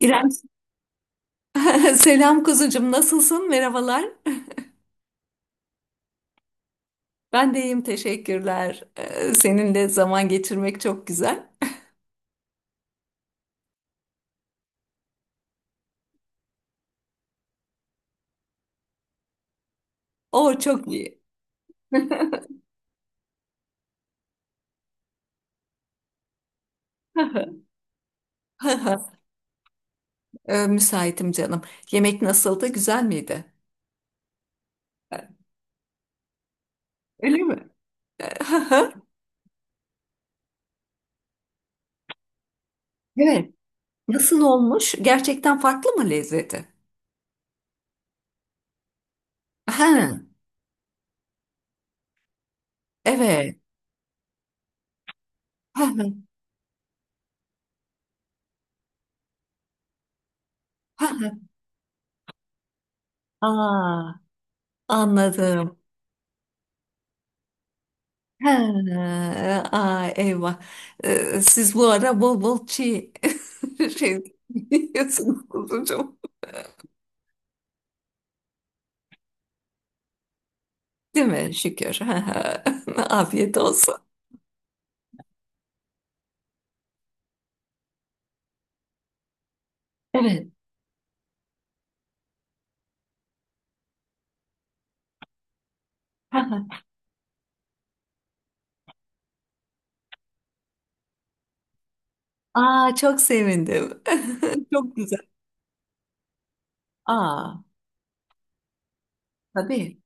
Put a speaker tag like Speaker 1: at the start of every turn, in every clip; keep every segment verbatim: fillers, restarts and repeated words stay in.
Speaker 1: İrem. Selam kuzucum, nasılsın? Merhabalar. Ben de iyiyim, teşekkürler. Ee, Seninle zaman geçirmek çok güzel. O çok iyi. Ee, Müsaitim canım. Yemek nasıldı? Güzel miydi? Öyle mi? Evet. Nasıl olmuş? Gerçekten farklı mı lezzeti? Ha, evet. Aa, anladım. Ha, aa, eyvah. Ee, siz bu ara bol bol çiğ şey yiyorsunuz kuzucuğum. Değil mi? Şükür. Ha, ha. Afiyet olsun. Evet. Ha, ha. Aa, çok sevindim. Çok güzel. Aa, tabii.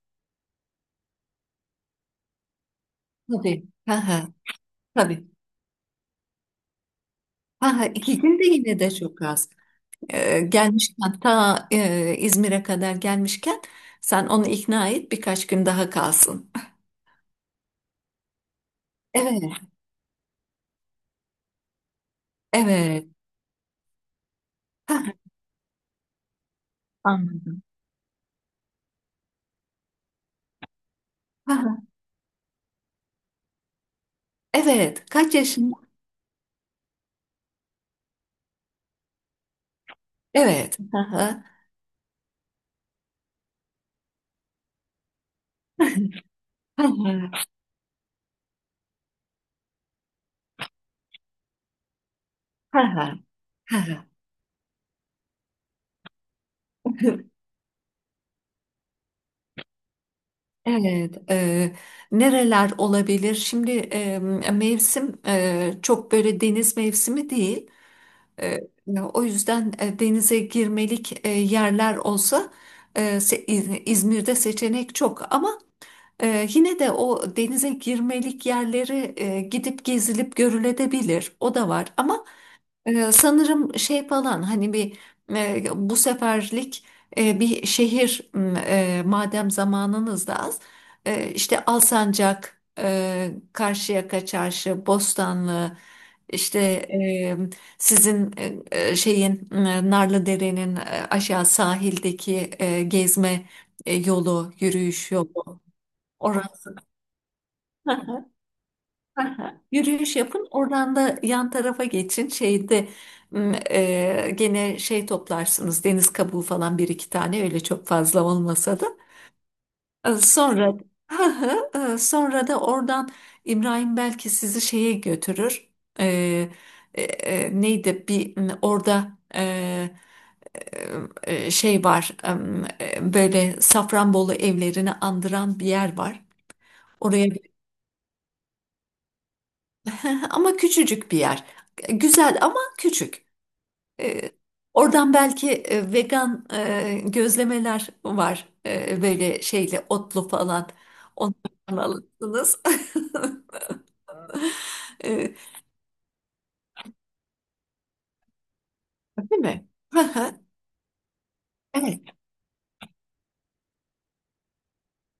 Speaker 1: Tabii. Ha, ha. Tabii. Ha, ha. İki gün de yine de çok az. Ee, gelmişken ta e, İzmir'e kadar gelmişken sen onu ikna et birkaç gün daha kalsın. Evet. Evet. Ha, ha. Anladım. Evet. Kaç yaşın? Evet. Hı hı. Hı hı. Hı hı. Hı hı. Evet, e, nereler olabilir? Şimdi e, mevsim e, çok böyle deniz mevsimi değil. E, O yüzden e, denize girmelik e, yerler olsa e, se- İz- İzmir'de seçenek çok. Ama e, yine de o denize girmelik yerleri e, gidip gezilip görülebilir. O da var. Ama Ee, sanırım şey falan hani bir e, bu seferlik e, bir şehir m, e, madem zamanınız da az e, işte Alsancak, e, Karşıyaka Çarşı, Bostanlı işte e, sizin e, e, şeyin e, Narlıdere'nin e, aşağı sahildeki e, gezme e, yolu, yürüyüş yolu orası. Aha, yürüyüş yapın. Oradan da yan tarafa geçin. Şeyde m, e, gene şey toplarsınız. Deniz kabuğu falan bir iki tane öyle çok fazla olmasa da. E, Sonra e, sonra da oradan İbrahim belki sizi şeye götürür. E, e, e, Neydi bir m, orada e, e, şey var. e, e, Böyle Safranbolu evlerini andıran bir yer var. Oraya ama küçücük bir yer. Güzel ama küçük. E, Oradan belki e, vegan e, gözlemeler var. E, böyle şeyle otlu falan. Onlardan alırsınız. E, değil mi? Hı hı. Evet.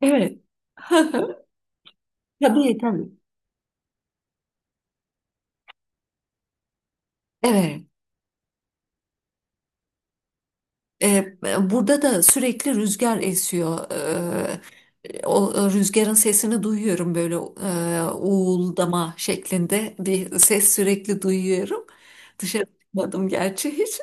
Speaker 1: Evet. Hı hı. Tabii tabii. Evet. E, Burada da sürekli rüzgar esiyor. E, o rüzgarın sesini duyuyorum böyle e, uğuldama şeklinde bir ses sürekli duyuyorum. Dışarı çıkmadım gerçi hiç.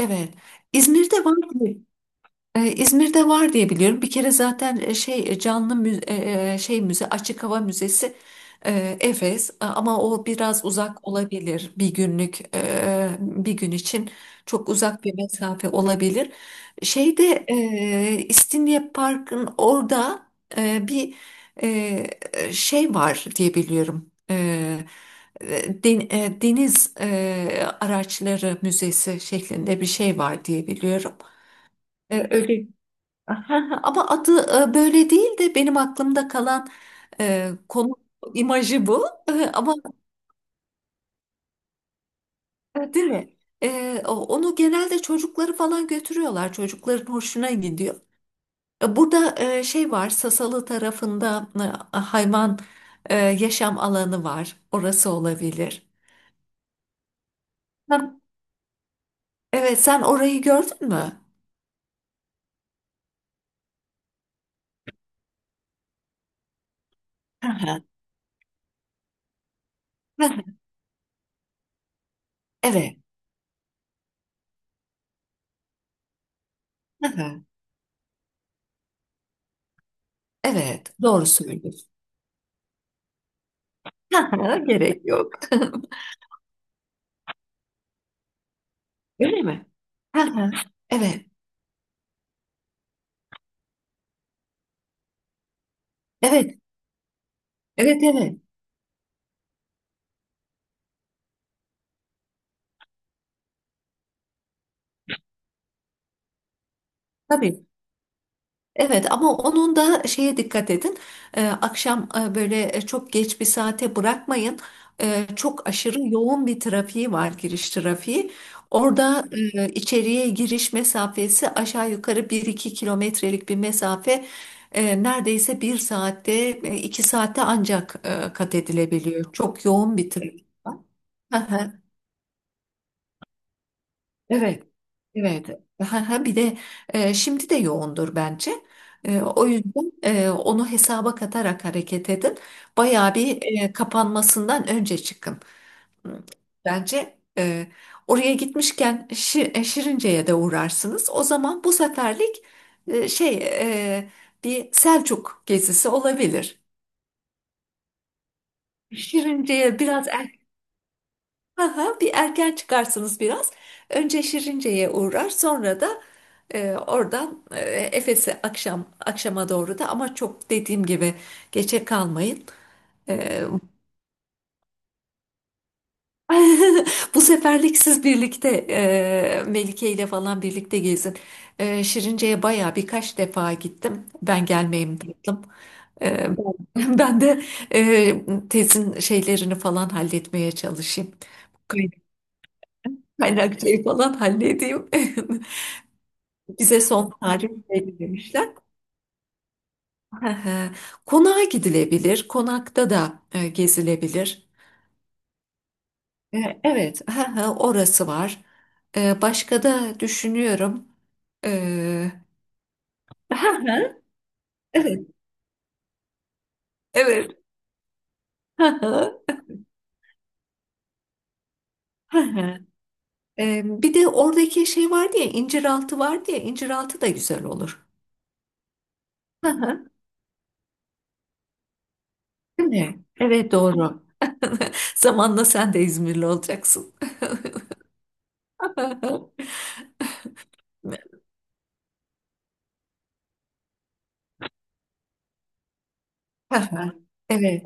Speaker 1: Evet. İzmir'de var mı? Ee, İzmir'de var diye biliyorum. Bir kere zaten e, şey e, canlı mü- e, e, şey müze açık hava müzesi e, Efes. E, ama o biraz uzak olabilir bir günlük e, bir gün için çok uzak bir mesafe olabilir. Şeyde e, İstinye Park'ın orada e, bir e, şey var diye biliyorum. E, e, den- e, Deniz e, Araçları Müzesi şeklinde bir şey var diye biliyorum. E, Öyle aha, ama adı e, böyle değil de benim aklımda kalan e, konu imajı bu. E, Ama e, değil mi? E, o- onu genelde çocukları falan götürüyorlar. Çocukların hoşuna gidiyor. E, Burada e, şey var, Sasalı tarafında e, hayvan e, yaşam alanı var. Orası olabilir. Hı. Evet, sen orayı gördün mü? Hı hı. Hı hı. Evet. Hı hı. Evet, doğru söylüyorsun. Hı hı, gerek yok. Öyle mi? Hı hı. Evet. Evet, evet, evet. Tabii. Evet ama onun da şeye dikkat edin. Ee, akşam e, böyle çok geç bir saate bırakmayın. Ee, çok aşırı yoğun bir trafiği var, giriş trafiği. Orada e, içeriye giriş mesafesi aşağı yukarı bir iki kilometrelik bir mesafe. E, neredeyse bir saatte, e, iki saatte ancak e, kat edilebiliyor. Çok yoğun bir trafik var. Evet, evet. Ha, ha, bir de e, şimdi de yoğundur bence. E, o yüzden e, onu hesaba katarak hareket edin. Bayağı bir e, kapanmasından önce çıkın. Hı, bence e, oraya gitmişken Şi- e, Şirince'ye de uğrarsınız. O zaman bu seferlik e, şey e, bir Selçuk gezisi olabilir. Şirince'ye biraz aha, bir erken çıkarsınız biraz. Önce Şirince'ye uğrar, sonra da e, oradan e, Efes'e akşam akşama doğru da ama çok dediğim gibi geçe kalmayın. E, Bu seferlik siz birlikte e, Melike ile falan birlikte gezin. E, Şirince'ye baya birkaç defa gittim. Ben gelmeyeyim tatlım. E, Ben ben de e, tezin şeylerini falan halletmeye çalışayım. kaynak Kaynakçayı falan halledeyim. Bize son tarih belirlemişler. Konağa gidilebilir. Konakta da e, gezilebilir. E, Evet, orası var. E, Başka da düşünüyorum. E, Evet, evet. E, Bir de oradaki şey vardı ya, inciraltı vardı ya, inciraltı da güzel olur. Değil mi? Evet, doğru. Zamanla sen de İzmirli olacaksın. Evet.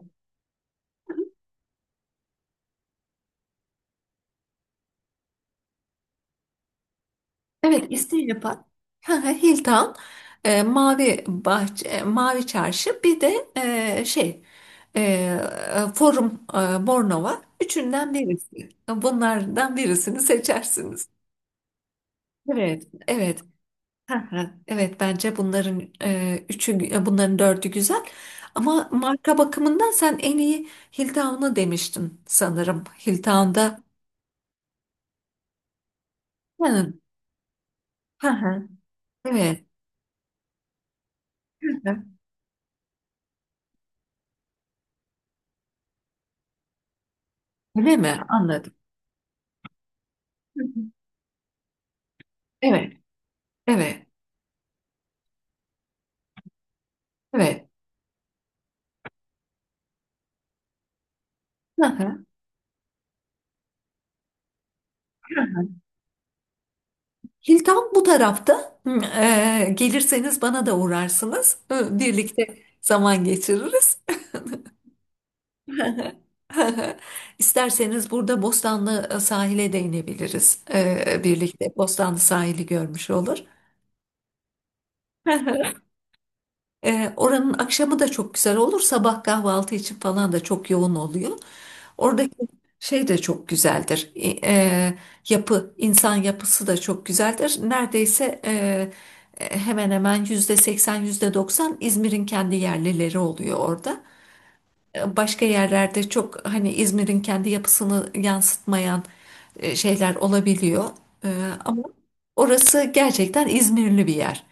Speaker 1: Evet, İsteyapa, hı Hilton, e, Mavi Bahçe, e, Mavi Çarşı, bir de e, şey, e, Forum e, Bornova. Üçünden birisi. Bunlardan birisini seçersiniz. Evet, evet. Hı hı, evet, bence bunların e, üçü, e, bunların dördü güzel. Ama marka bakımından sen en iyi Hilltown'u demiştin sanırım. Hilltown'da. Hı, hı, hı. Evet. Hı hı. Öyle mi? Anladım. Hı hı. Evet. Evet. Evet. Hı hı. Hilton bu tarafta. Hı, e, gelirseniz bana da uğrarsınız. Hı, birlikte zaman geçiririz. İsterseniz burada Bostanlı sahile de inebiliriz. E, birlikte Bostanlı sahili görmüş olur. E, oranın akşamı da çok güzel olur. Sabah kahvaltı için falan da çok yoğun oluyor. Oradaki şey de çok güzeldir. E, e, yapı, insan yapısı da çok güzeldir. Neredeyse e, e, hemen hemen yüzde seksen, yüzde doksan İzmir'in kendi yerlileri oluyor orada. E, başka yerlerde çok hani İzmir'in kendi yapısını yansıtmayan e, şeyler olabiliyor. E, ama orası gerçekten İzmirli bir yer.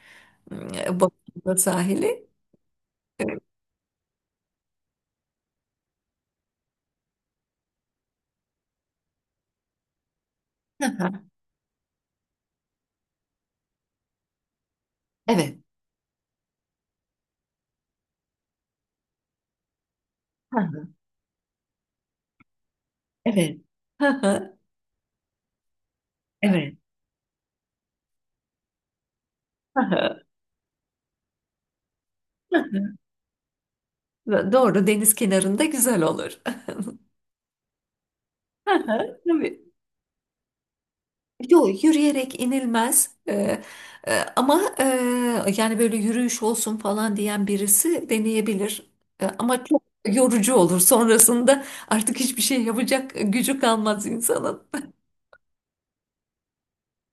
Speaker 1: E, Boğaz'ın sahili. Hı hı. Evet. Hı hı. Evet. Hı hı. Evet. Hı hı. Doğru, deniz kenarında güzel olur. Hı hı, tabii. Yok, yürüyerek inilmez. Ee, e, ama e, yani böyle yürüyüş olsun falan diyen birisi deneyebilir. E, ama çok yorucu olur. Sonrasında artık hiçbir şey yapacak gücü kalmaz insanın.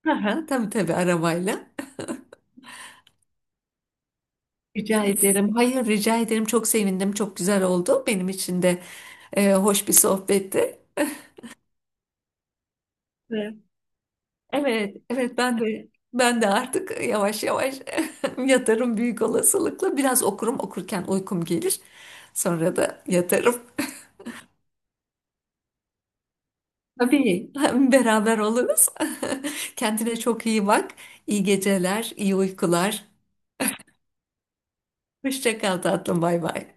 Speaker 1: Hı hı, tabii tabii arabayla. Rica ederim. Hayır, rica ederim. Çok sevindim. Çok güzel oldu. Benim için de e, hoş bir sohbetti. Evet, evet ben de ben de artık yavaş yavaş yatarım büyük olasılıkla. Biraz okurum, okurken uykum gelir. Sonra da yatarım. Tabii beraber oluruz. Kendine çok iyi bak. İyi geceler, iyi uykular. Hoşça kal tatlım, bay bay.